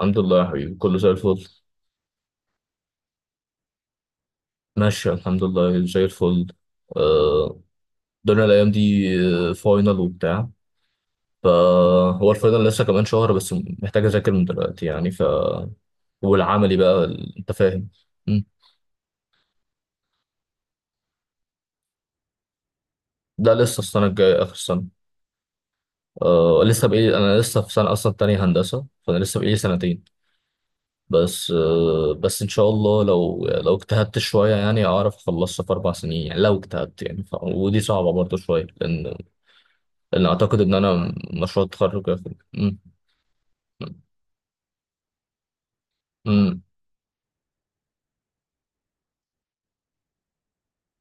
الحمد لله يا حبيبي، كله زي الفل. ماشي الحمد لله زي الفل. آه، الدنيا الأيام دي. فاينل وبتاع. فهو الفاينل لسه كمان شهر بس، محتاج أذاكر من دلوقتي يعني والعملي بقى أنت فاهم. مم. ده لسه السنة الجاية، آخر السنة. آه، لسه بقالي، أنا لسه في سنة أصلا تانية هندسة، فأنا لسه بقالي سنتين. بس إن شاء الله، لو اجتهدت شوية يعني أعرف أخلصها في أربع سنين، يعني لو اجتهدت يعني ودي صعبة برضه شوية، لأن أعتقد إن أنا مشروع التخرج هياخد-. مم. مم.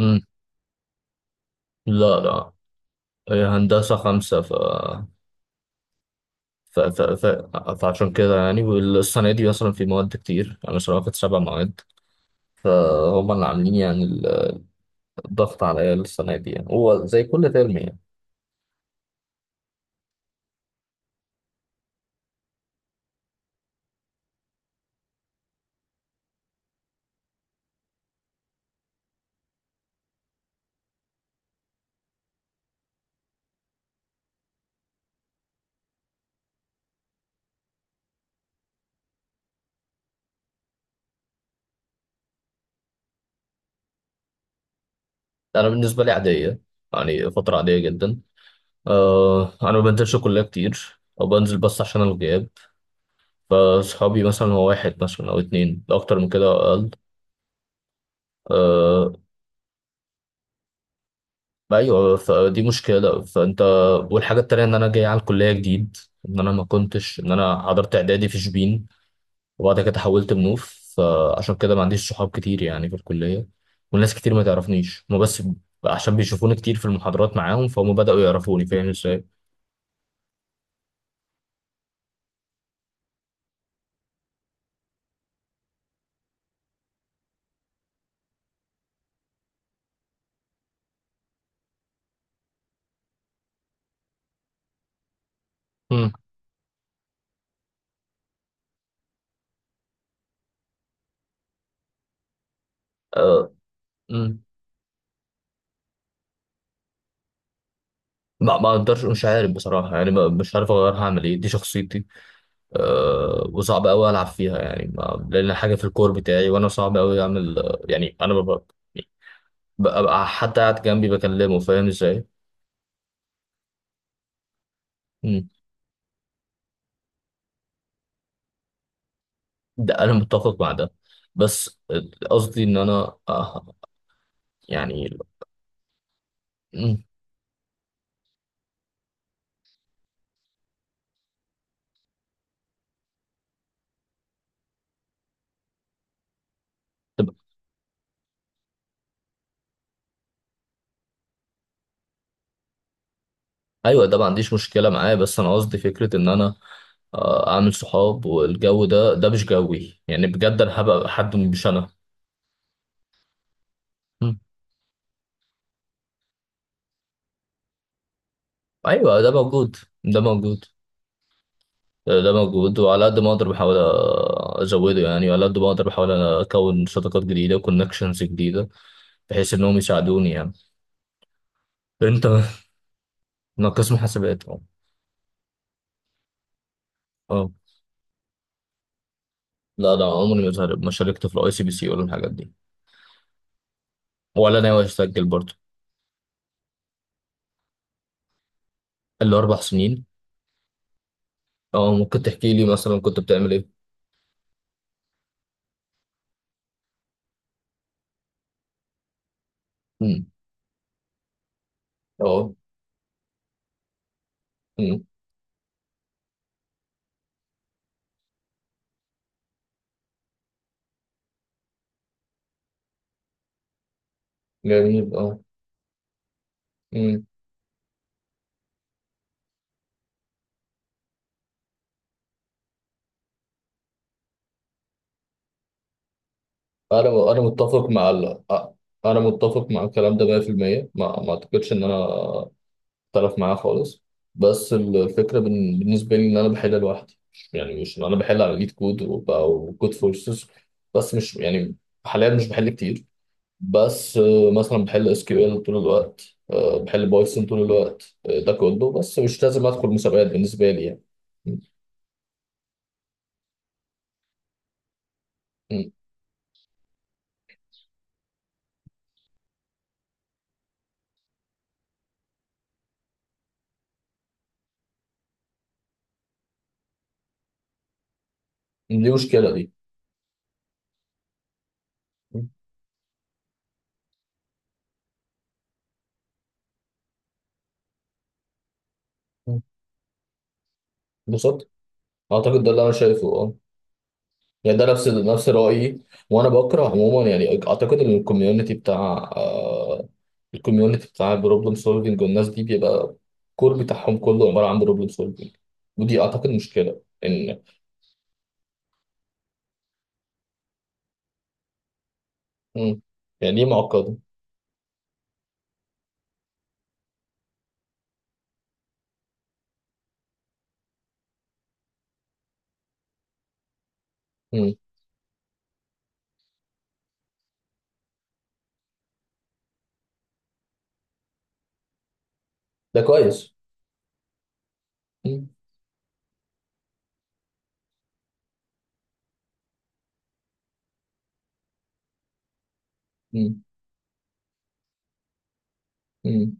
مم. لا لا، هي هندسة خمسة ف... ف... ف... فعشان كده يعني، والسنة دي مثلا في مواد كتير، أنا مثلا واخد سبع مواد، فهم اللي عاملين يعني الضغط عليا السنة دي، يعني هو زي كل ترم يعني. أنا بالنسبة لي عادية، يعني فترة عادية جدا. أه، أنا ما بنزلش كلية كتير، أو بنزل بس عشان الغياب. فصحابي مثلا هو واحد مثلا أو اتنين، لو أكتر من كده أو أقل. آه، ايوه، فدي مشكله فانت. والحاجه التانيه ان انا جاي على الكليه جديد، ان انا ما كنتش، ان انا حضرت اعدادي في شبين، وبعد كده حولت منوف، فعشان كده ما عنديش صحاب كتير يعني في الكليه. والناس كتير ما تعرفنيش هما، بس عشان بيشوفوني كتير في المحاضرات معاهم فهم بداوا يعرفوني، فاهم ازاي؟ مم. أه. مم. ما اقدرش، مش عارف بصراحه يعني مش عارف اغيرها، هعمل ايه؟ دي شخصيتي. أه، وصعب قوي العب فيها يعني، ما لان حاجه في الكور بتاعي، وانا صعب قوي اعمل يعني، انا ببقى حتى قاعد جنبي بكلمه، فاهم ازاي؟ مم. ده انا متفق مع ده. بس قصدي ان انا يعني. مم. طب- ايوه، ده ما عنديش مشكله معاه، بس انا قصدي فكره ان انا اعمل صحاب، والجو ده مش جوي يعني، بجد انا هبقى حد مش انا. مم. ايوه، ده موجود، ده موجود، ده موجود، وعلى قد ما اقدر بحاول ازوده يعني، وعلى قد ما اقدر بحاول اكون صداقات جديده وكونكشنز جديده، بحيث انهم يساعدوني يعني. انت انا قسم حاسبات. اه. لا، ده عمري ما زهرب، ما شاركت في الاي سي بي سي ولا الحاجات دي، ولا ناوي اسجل برضه. اللي اربع سنين. اه، ممكن تحكي لي مثلا كنت بتعمل ايه؟ امم. اه. امم. جميل اه. امم. انا متفق مع انا متفق مع الكلام ده 100%، ما اعتقدش ان انا اختلف معاه خالص. بس الفكره بالنسبه لي ان انا بحل لوحدي، يعني مش ان انا بحل على ليد كود وكود فورسز، بس مش يعني. حاليا مش بحل كتير. بس مثلا بحل اس كيو ال طول الوقت، بحل بايثون طول الوقت، ده كله، بس مش لازم ادخل مسابقات بالنسبه لي يعني. م- م- دي مشكله دي. م- م. بالظبط. اعتقد ده اللي انا شايفه اه، يعني ده نفس رايي. وانا بكره عموما يعني اعتقد ان الكوميونتي بتاع، البروبلم سولفنج والناس دي، بيبقى الكور بتاعهم كله عباره عن بروبلم سولفنج، ودي اعتقد مشكله ان. م. يعني دي معقده. م. ده كويس. م. م. مم.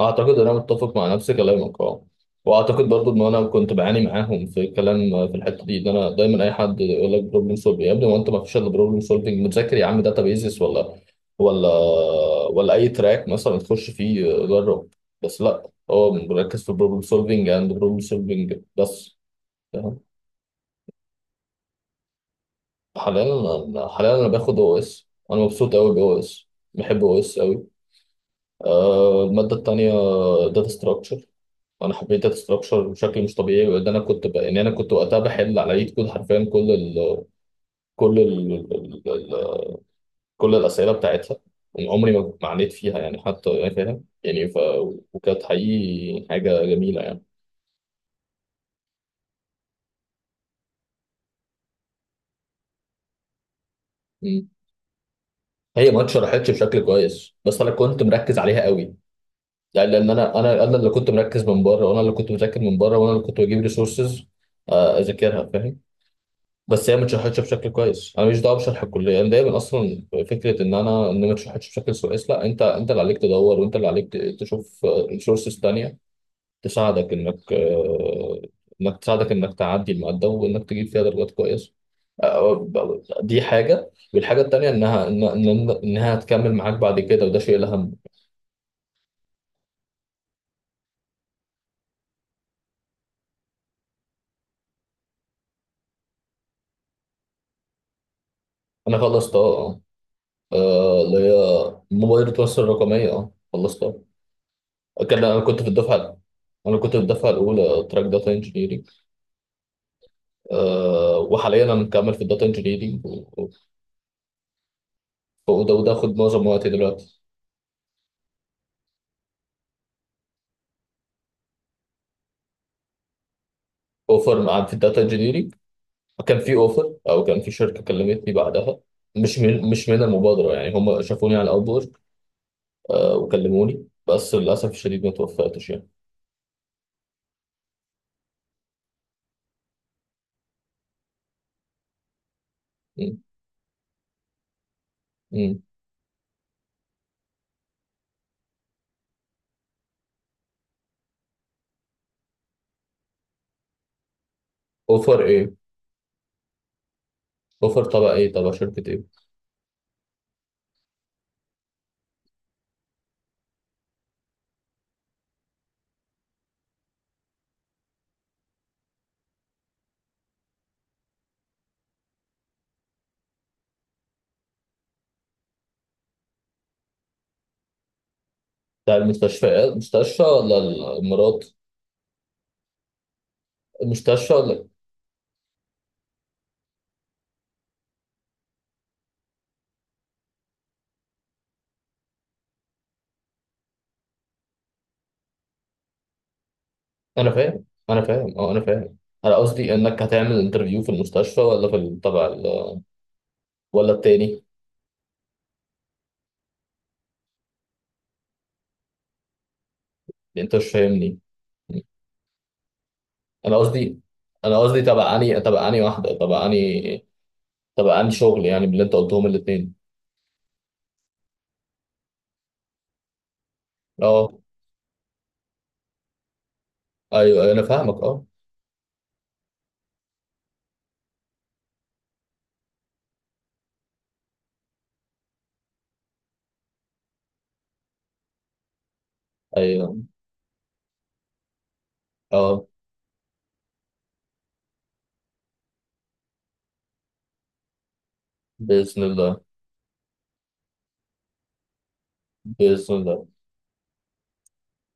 اعتقد انا متفق مع نفس كلامك اه، واعتقد برضو ان انا كنت بعاني معاهم في الكلام، في الحته دي ان انا دايما، اي حد يقول لك بروبلم سولفنج يا ابني، ما انت ما فيش الا بروبلم سولفنج، متذاكر يا عم داتا بيزس ولا ولا ولا اي تراك مثلا تخش فيه، جرب. بس لا، هو مركز في البروبلم سولفنج اند بروبلم سولفنج بس، فاهم؟ حاليا. انا حاليا انا باخد او اس، انا مبسوط قوي باو اس، بحب او اس قوي. الماده التانيه داتا ستراكشر. انا حبيت داتا ستراكشر بشكل مش طبيعي، وان انا كنت ان انا كنت وقتها بحل على ايد كود حرفيا، كل كل ال... ال... ال... كل الاسئله بتاعتها. عمري ما عانيت فيها يعني حتى يعني فاهم يعني وكانت حقيقي حاجه جميله يعني. مم. هي ما اتشرحتش بشكل كويس، بس انا كنت مركز عليها قوي يعني، لان انا اللي كنت مركز من بره، وانا اللي كنت مذاكر من بره، وانا اللي كنت بجيب ريسورسز اذاكرها، فاهم؟ بس هي ما اتشرحتش بشكل كويس، انا مش دعوه بشرح الكليه، انا دايما اصلا فكره ان ما اتشرحتش بشكل كويس، لا، انت اللي عليك تدور، وانت اللي عليك تشوف ريسورسز تانية تساعدك انك تعدي الماده، وانك تجيب فيها درجات كويسه. آه، دي حاجه، والحاجه التانية انها انها هتكمل معاك بعد كده، وده شيء الاهم. انا خلصت اه، اللي هي موبايل التواصل الرقميه اه خلصتها. كان انا كنت في الدفعه انا كنت في الدفعه الاولى تراك داتا انجينيرنج. أه وحاليا انا مكمل في الداتا انجينيرنج، وده خد معظم وقتي دلوقتي. اوفر عن في الداتا انجينيرنج، كان في اوفر، او كان في شركه كلمتني بعدها، مش من المبادره يعني، هم شافوني على الاوبورك. أه وكلموني، بس للاسف الشديد ما توفقتش يعني. مم. مم. اوفر ايه؟ اوفر تبع ايه؟ تبع شركه ايه؟ بتاع المستشفيات، مستشفى ولا الامارات؟ المستشفى ولا؟ انا فاهم اه، انا فاهم. انا قصدي انك هتعمل انترفيو في المستشفى، ولا في تبع، ولا التاني؟ انت مش فاهمني. انا قصدي انا قصدي تبع اني واحده، تبع اني شغل، يعني باللي انت قلتهم الاثنين. اه. ايوه أيوة، انا فاهمك اه. ايوه اه. باذن الله. باذن الله.